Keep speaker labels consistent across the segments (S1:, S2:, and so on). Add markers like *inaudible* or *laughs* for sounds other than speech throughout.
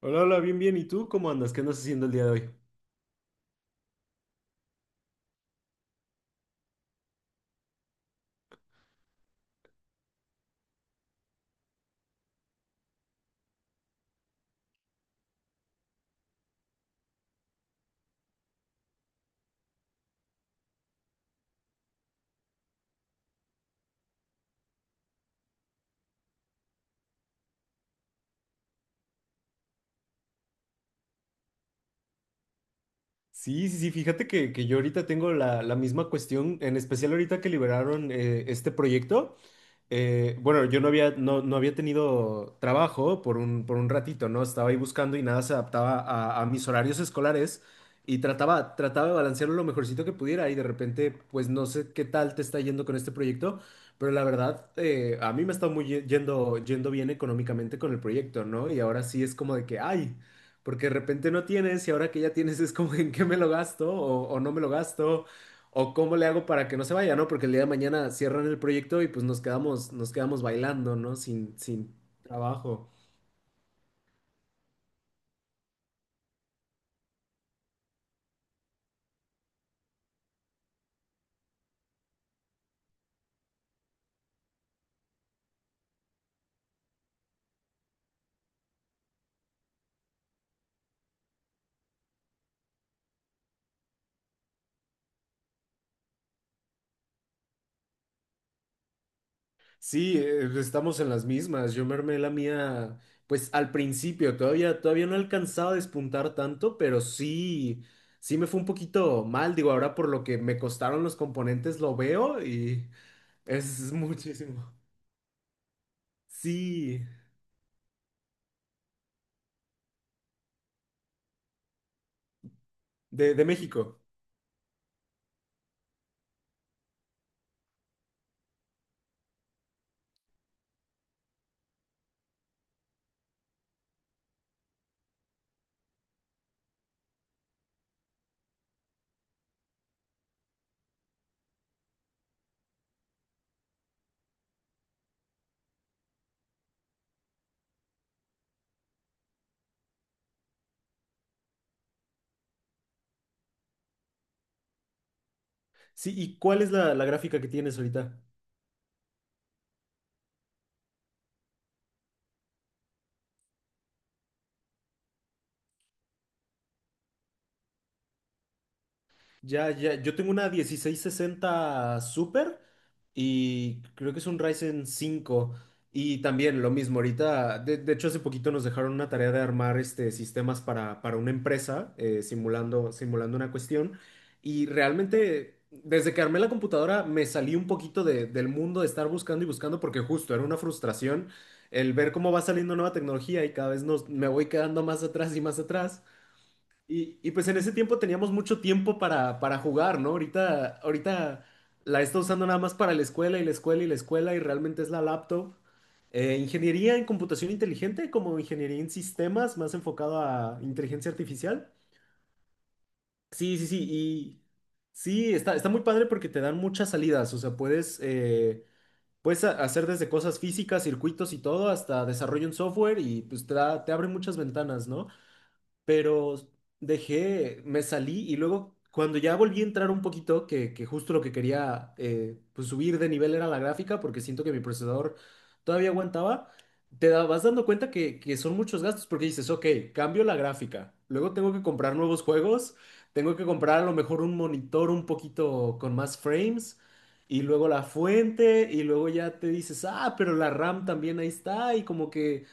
S1: Hola, hola, bien, bien. ¿Y tú cómo andas? ¿Qué andas haciendo el día de hoy? Sí, sí, sí. Fíjate que yo ahorita tengo la misma cuestión, en especial ahorita que liberaron este proyecto. Bueno, yo no había tenido trabajo por un ratito, ¿no? Estaba ahí buscando y nada se adaptaba a mis horarios escolares y trataba de balancearlo lo mejorcito que pudiera y de repente, pues no sé qué tal te está yendo con este proyecto, pero la verdad, a mí me está muy yendo bien económicamente con el proyecto, ¿no? Y ahora sí es como de que, ay. Porque de repente no tienes y ahora que ya tienes es como *laughs* en qué me lo gasto o no me lo gasto o cómo le hago para que no se vaya, ¿no? Porque el día de mañana cierran el proyecto y pues nos quedamos bailando, ¿no? Sin trabajo. Sí, estamos en las mismas. Yo me armé la mía, pues al principio, todavía no alcanzaba a despuntar tanto, pero sí, sí me fue un poquito mal. Digo, ahora por lo que me costaron los componentes lo veo y *laughs* es muchísimo. Sí, de México. Sí, ¿y cuál es la gráfica que tienes ahorita? Ya, ya, yo tengo una 1660 Super y creo que es un Ryzen 5 y también lo mismo ahorita, de hecho hace poquito nos dejaron una tarea de armar sistemas para una empresa simulando una cuestión. Y realmente desde que armé la computadora me salí un poquito del mundo de estar buscando y buscando porque justo era una frustración el ver cómo va saliendo nueva tecnología y cada vez me voy quedando más atrás y más atrás. Y pues en ese tiempo teníamos mucho tiempo para jugar, ¿no? Ahorita la está usando nada más para la escuela y la escuela y la escuela, y realmente es la laptop. Ingeniería en computación inteligente, como ingeniería en sistemas más enfocado a inteligencia artificial. Sí, sí, sí. Y sí, está muy padre porque te dan muchas salidas. O sea, puedes hacer desde cosas físicas, circuitos y todo, hasta desarrollo en software, y pues te abre muchas ventanas, ¿no? Pero dejé, me salí, y luego cuando ya volví a entrar un poquito, que justo lo que quería, pues subir de nivel, era la gráfica, porque siento que mi procesador todavía aguantaba. Vas dando cuenta que son muchos gastos, porque dices, ok, cambio la gráfica, luego tengo que comprar nuevos juegos, tengo que comprar a lo mejor un monitor un poquito con más frames. Y luego la fuente, y luego ya te dices, ah, pero la RAM también ahí está, y como que.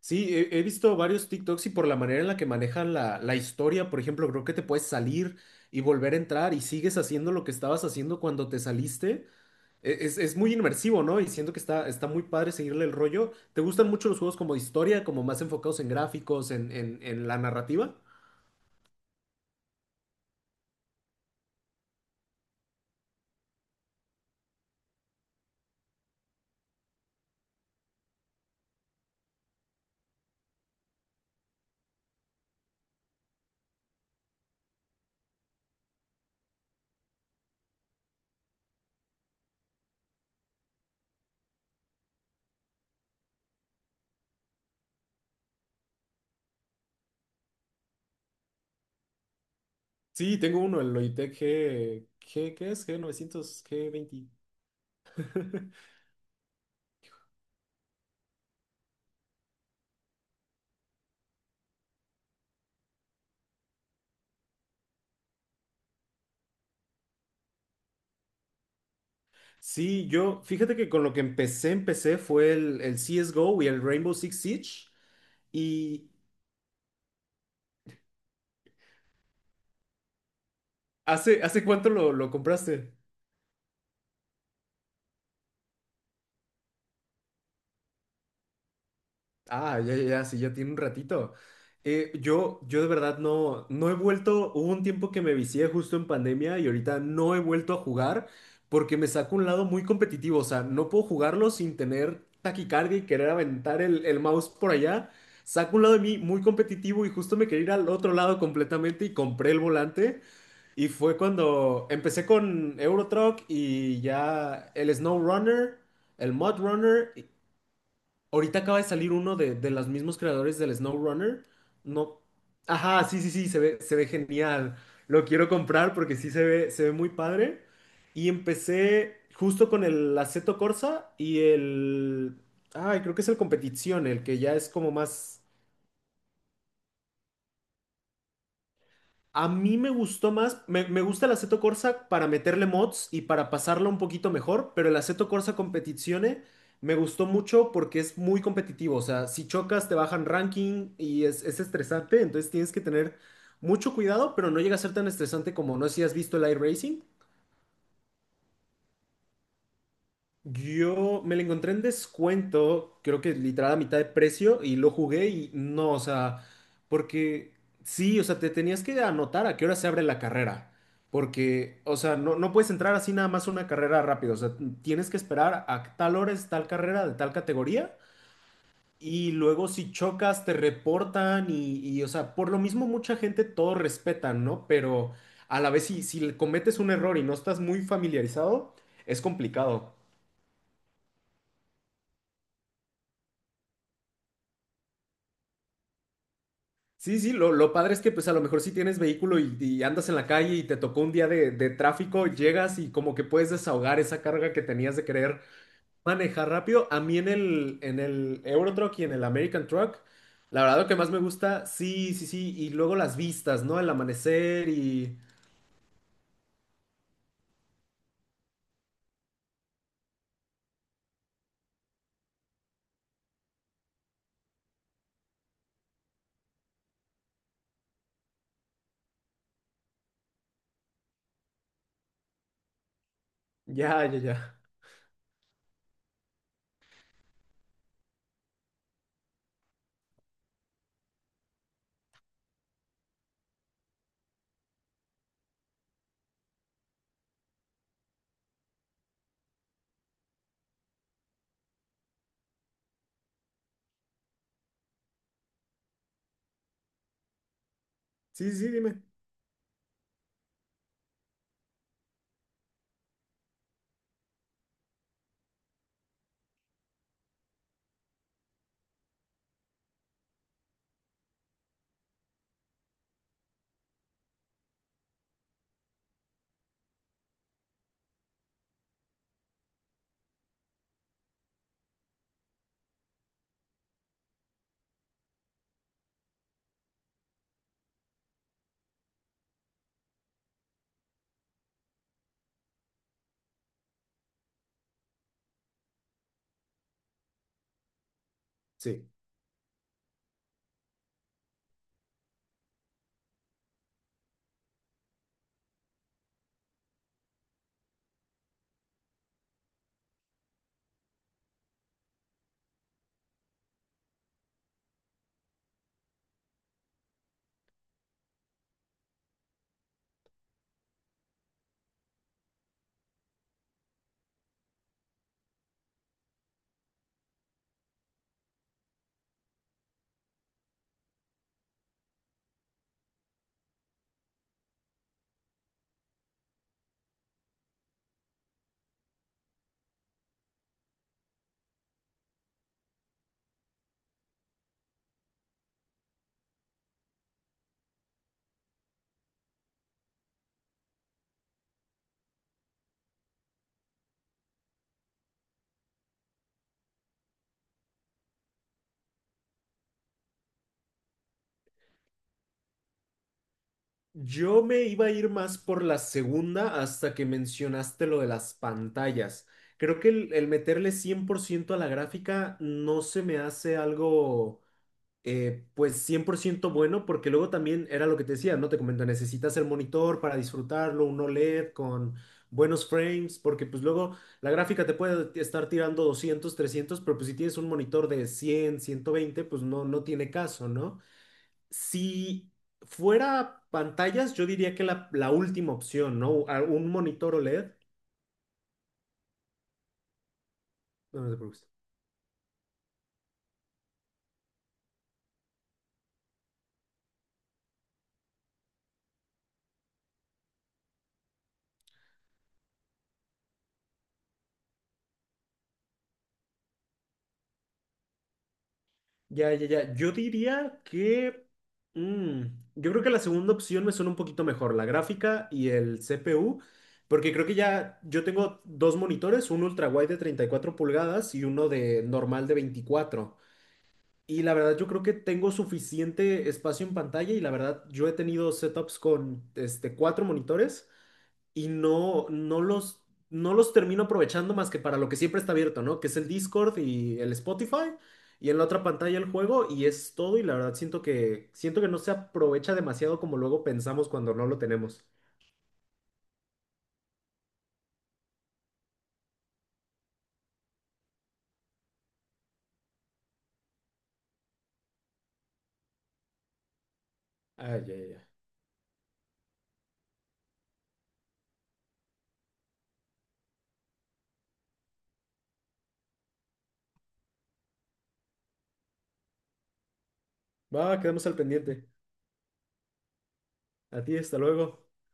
S1: Sí, he visto varios TikToks, y por la manera en la que manejan la historia, por ejemplo, creo que te puedes salir y volver a entrar y sigues haciendo lo que estabas haciendo cuando te saliste. Es muy inmersivo, ¿no? Y siento que está muy padre seguirle el rollo. ¿Te gustan mucho los juegos como de historia, como más enfocados en gráficos, en la narrativa? Sí, tengo uno, el Logitech G, ¿qué es? G 900 G20. *laughs* Sí, yo, fíjate que con lo que empecé fue el CSGO y el Rainbow Six Siege. Y, ¿Hace cuánto lo compraste? Ah, ya, ya, ya, sí, ya tiene un ratito. Yo de verdad no he vuelto. Hubo un tiempo que me vicié justo en pandemia y ahorita no he vuelto a jugar, porque me saca un lado muy competitivo, o sea, no puedo jugarlo sin tener taquicardia y querer aventar el mouse por allá. Saca un lado de mí muy competitivo y justo me quería ir al otro lado completamente y compré el volante, y fue cuando empecé con Euro Truck y ya el Snow Runner. El Mud Runner. Ahorita acaba de salir uno de los mismos creadores del SnowRunner. No. Ajá, sí, sí, sí, se ve genial. Lo quiero comprar porque sí se ve muy padre. Y empecé justo con el Aceto Corsa y el. Ay, creo que es el Competición, el que ya es como más. A mí me gustó más, me gusta el Assetto Corsa para meterle mods y para pasarla un poquito mejor, pero el Assetto Corsa Competizione me gustó mucho porque es muy competitivo, o sea, si chocas te bajan ranking, y es estresante, entonces tienes que tener mucho cuidado, pero no llega a ser tan estresante como, no sé si has visto el iRacing. Yo me lo encontré en descuento, creo que literal a mitad de precio, y lo jugué y no, o sea, porque sí, o sea, te tenías que anotar a qué hora se abre la carrera, porque, o sea, no puedes entrar así nada más a una carrera rápido, o sea, tienes que esperar a tal hora es tal carrera de tal categoría, y luego si chocas te reportan y, o sea, por lo mismo mucha gente todo respeta, ¿no? Pero a la vez si cometes un error y no estás muy familiarizado, es complicado. Sí, sí, lo padre es que pues a lo mejor si tienes vehículo y andas en la calle y te tocó un día de tráfico, llegas y como que puedes desahogar esa carga que tenías de querer manejar rápido. A mí en el euro truck y en el American Truck, la verdad lo que más me gusta, sí, sí, sí, y luego las vistas, ¿no? El amanecer. Ya, ya, ya. Sí, sí, dime. Sí. Yo me iba a ir más por la segunda hasta que mencionaste lo de las pantallas. Creo que el meterle 100% a la gráfica no se me hace algo, pues 100% bueno, porque luego también era lo que te decía, ¿no? Te comento, necesitas el monitor para disfrutarlo, un OLED con buenos frames, porque pues luego la gráfica te puede estar tirando 200, 300, pero pues si tienes un monitor de 100, 120, pues no tiene caso, ¿no? Si fuera pantallas, yo diría que la última opción, ¿no? Un monitor OLED. No, no te preocupes. Ya, ya, ya. Mm, yo creo que la segunda opción me suena un poquito mejor, la gráfica y el CPU, porque creo que ya yo tengo dos monitores, un ultrawide de 34 pulgadas y uno de normal de 24. Y la verdad yo creo que tengo suficiente espacio en pantalla, y la verdad yo he tenido setups con cuatro monitores, y no los termino aprovechando más que para lo que siempre está abierto, ¿no? Que es el Discord y el Spotify, y en la otra pantalla el juego, y es todo. Y la verdad siento que no se aprovecha demasiado como luego pensamos cuando no lo tenemos. Ah, ya, ya, ya. Va, quedamos al pendiente. A ti, hasta luego.